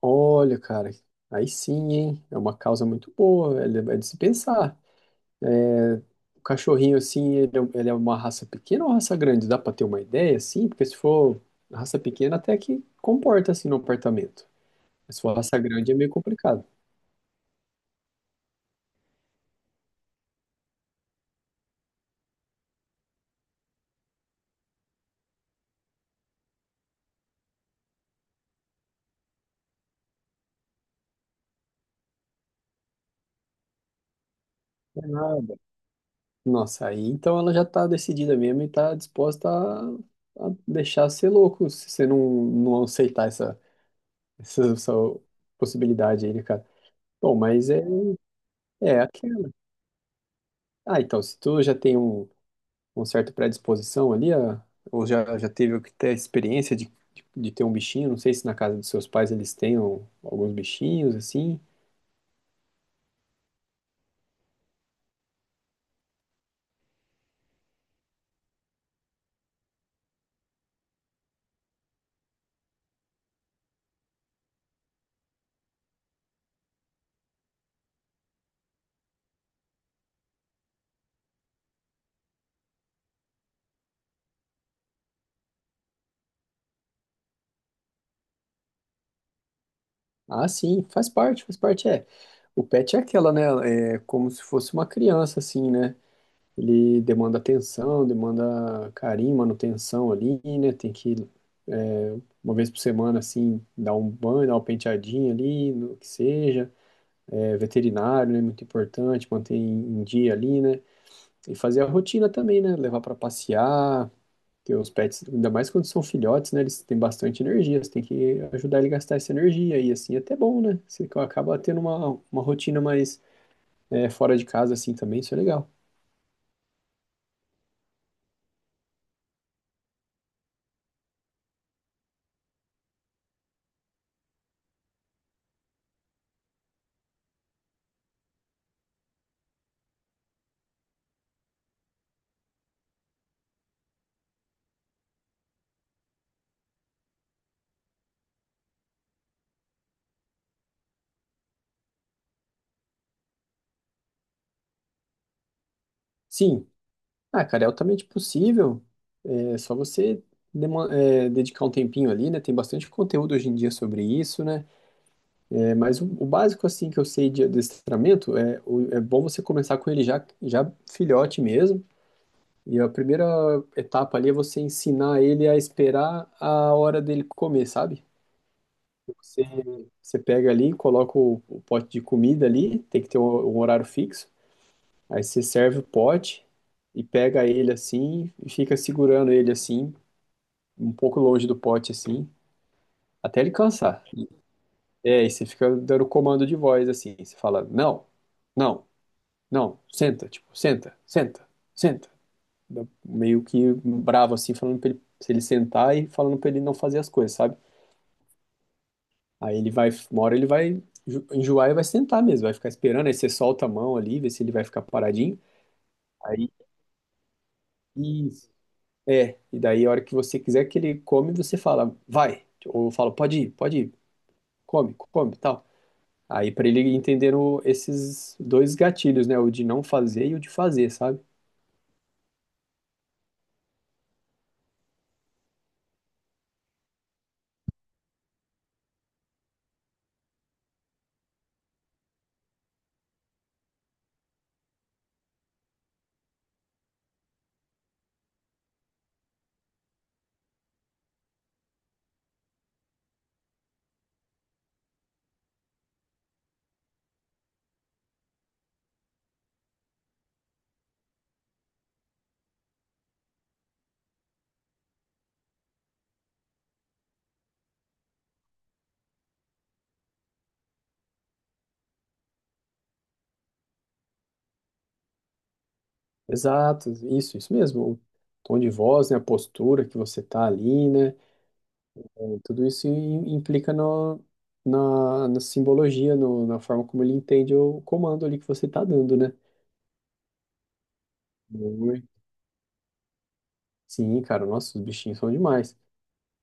Olha, cara, aí sim, hein? É uma causa muito boa, é de se pensar. É, o cachorrinho, assim, ele é uma raça pequena ou raça grande? Dá pra ter uma ideia, assim? Porque se for raça pequena, até que comporta, assim, no apartamento. Mas se for raça grande, é meio complicado. É nada. Nossa, aí então ela já tá decidida mesmo e tá disposta a deixar ser louco, se você não aceitar essa possibilidade aí, né, cara? Bom, mas é, é aquela. Ah, então, se tu já tem um certo predisposição ali, ou já, já teve até a experiência de ter um bichinho, não sei se na casa dos seus pais eles tenham alguns bichinhos, assim. Ah, sim, faz parte, é. O pet é aquela, né, é como se fosse uma criança, assim, né? Ele demanda atenção, demanda carinho, manutenção ali, né? Tem que, é, uma vez por semana, assim, dar um banho, dar uma penteadinha ali, no que seja veterinário, né? Muito importante, manter em dia ali, né? E fazer a rotina também, né? Levar para passear, porque os pets, ainda mais quando são filhotes, né? Eles têm bastante energia, você tem que ajudar ele a gastar essa energia, e assim é até bom, né? Você acaba tendo uma rotina mais fora de casa, assim também, isso é legal. Sim, ah, cara, é altamente possível, é só você dedicar um tempinho ali, né? Tem bastante conteúdo hoje em dia sobre isso, né? É, mas o básico assim que eu sei de adestramento é bom você começar com ele já, já filhote mesmo. E a primeira etapa ali é você ensinar ele a esperar a hora dele comer, sabe? Você, Você pega ali, coloca o pote de comida ali, tem que ter um horário fixo. Aí você serve o pote e pega ele assim e fica segurando ele assim, um pouco longe do pote assim, até ele cansar. É, e você fica dando comando de voz assim. Você fala, não, não. Não, senta, tipo, senta, senta, senta. Meio que bravo assim, falando pra ele, se ele sentar e falando pra ele não fazer as coisas, sabe? Aí ele vai, uma hora ele vai enjoar e vai sentar mesmo, vai ficar esperando, aí você solta a mão ali, vê se ele vai ficar paradinho. Aí, isso. É, e daí a hora que você quiser que ele come, você fala, vai. Ou eu falo, pode ir, come, come, tal. Aí pra ele entender esses dois gatilhos, né? O de não fazer e o de fazer, sabe? Exato, isso mesmo. O tom de voz, né, a postura que você tá ali, né? Tudo isso implica na simbologia, na forma como ele entende o comando ali que você tá dando, né? Ui. Sim, cara, nossa, os bichinhos são demais.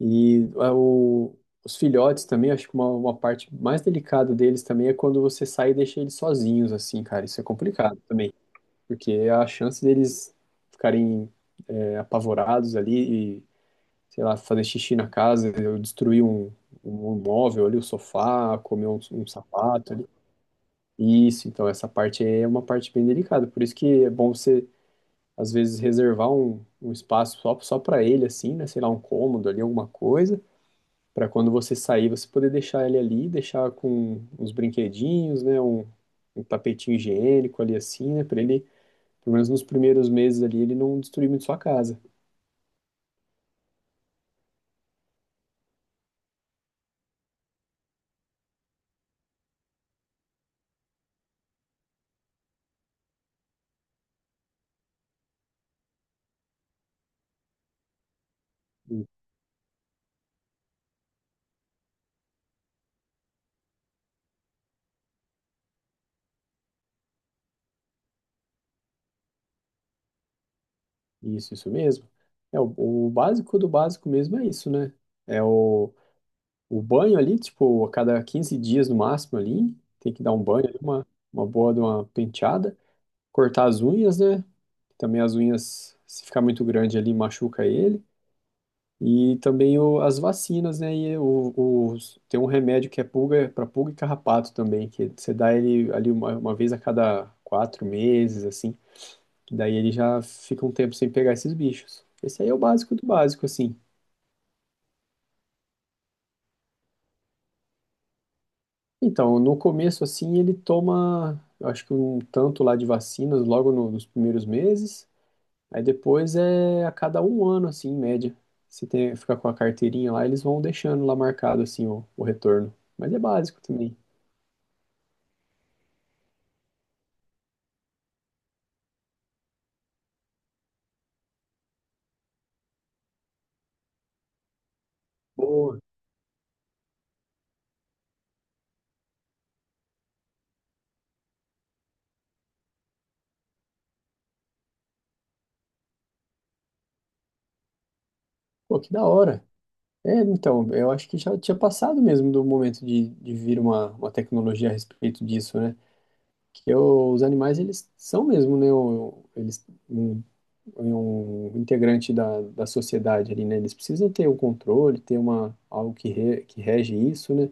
E é, o- os filhotes também, acho que uma parte mais delicada deles também é quando você sai e deixa eles sozinhos, assim, cara. Isso é complicado também, porque a chance deles ficarem apavorados ali, sei lá, fazer xixi na casa, eu destruí um móvel ali, o sofá, comer um sapato ali. Isso, então essa parte aí é uma parte bem delicada, por isso que é bom você, às vezes, reservar um espaço só, só para ele, assim, né, sei lá, um cômodo ali, alguma coisa, para quando você sair, você poder deixar ele ali, deixar com uns brinquedinhos, né, um tapetinho higiênico ali, assim, né, para ele, pelo menos nos primeiros meses ali, ele não destruir muito sua casa. Isso mesmo. É, o básico do básico mesmo é isso, né? É o banho ali, tipo, a cada 15 dias no máximo ali, tem que dar um banho ali, uma boa de uma penteada, cortar as unhas, né? Também as unhas, se ficar muito grande ali, machuca ele. E também o, as vacinas, né? E tem um remédio que é pulga, para pulga e carrapato também, que você dá ele ali uma vez a cada quatro meses, assim. Que daí ele já fica um tempo sem pegar esses bichos. Esse aí é o básico do básico, assim. Então, no começo, assim, ele toma, eu acho que um tanto lá de vacinas logo nos primeiros meses. Aí depois é a cada um ano, assim, em média. Se tem, ficar com a carteirinha lá, eles vão deixando lá marcado, assim, o retorno. Mas é básico também. Boa. Pô, que da hora. É, então, eu acho que já tinha passado mesmo do momento de vir uma tecnologia a respeito disso, né? Os animais eles são mesmo, né, um integrante da sociedade ali, né? Eles precisam ter um controle, ter uma algo que rege isso, né,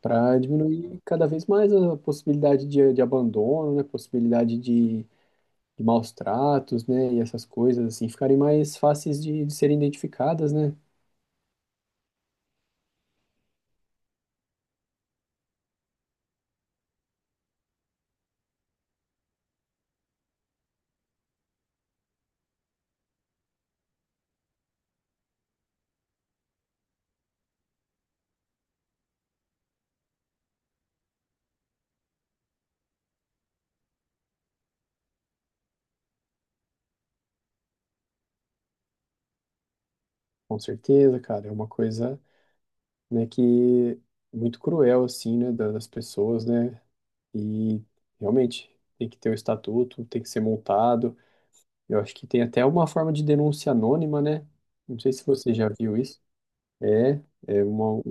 para diminuir cada vez mais a possibilidade de abandono, né, possibilidade de maus tratos, né, e essas coisas assim ficarem mais fáceis de serem identificadas, né? Com certeza, cara, é uma coisa né, que é muito cruel, assim, né, das pessoas, né, e realmente tem que ter o estatuto, tem que ser montado, eu acho que tem até uma forma de denúncia anônima, né, não sei se você já viu isso, é, é uma,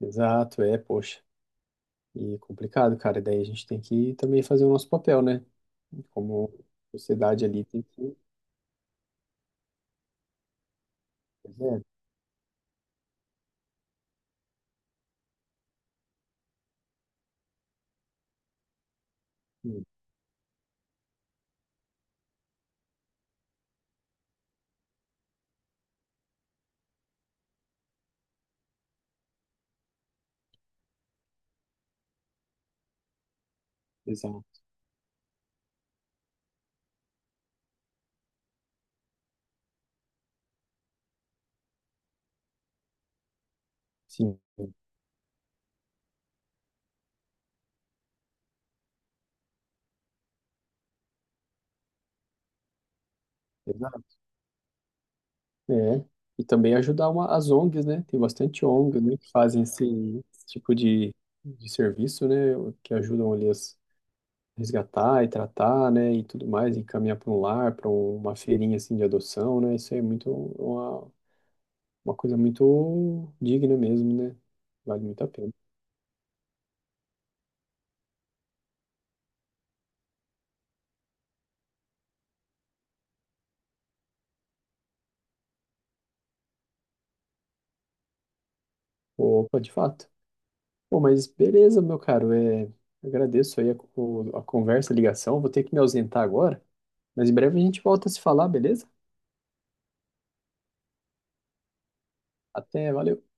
exato, é, poxa, e complicado, cara, daí a gente tem que também fazer o nosso papel, né, como sociedade ali tem que, pois é, sim, exato, sim, exato. É, e também ajudar as ONGs, né? Tem bastante ONG, né, que fazem esse, esse tipo de serviço, né? Que ajudam ali a resgatar e tratar, né? E tudo mais, e encaminhar para um lar, para uma feirinha assim de adoção, né? Isso aí é muito uma coisa muito digna mesmo, né? Vale muito a pena. Opa, de fato. Pô, mas beleza, meu caro. É, agradeço aí a conversa, a ligação. Vou ter que me ausentar agora, mas em breve a gente volta a se falar, beleza? Até, valeu.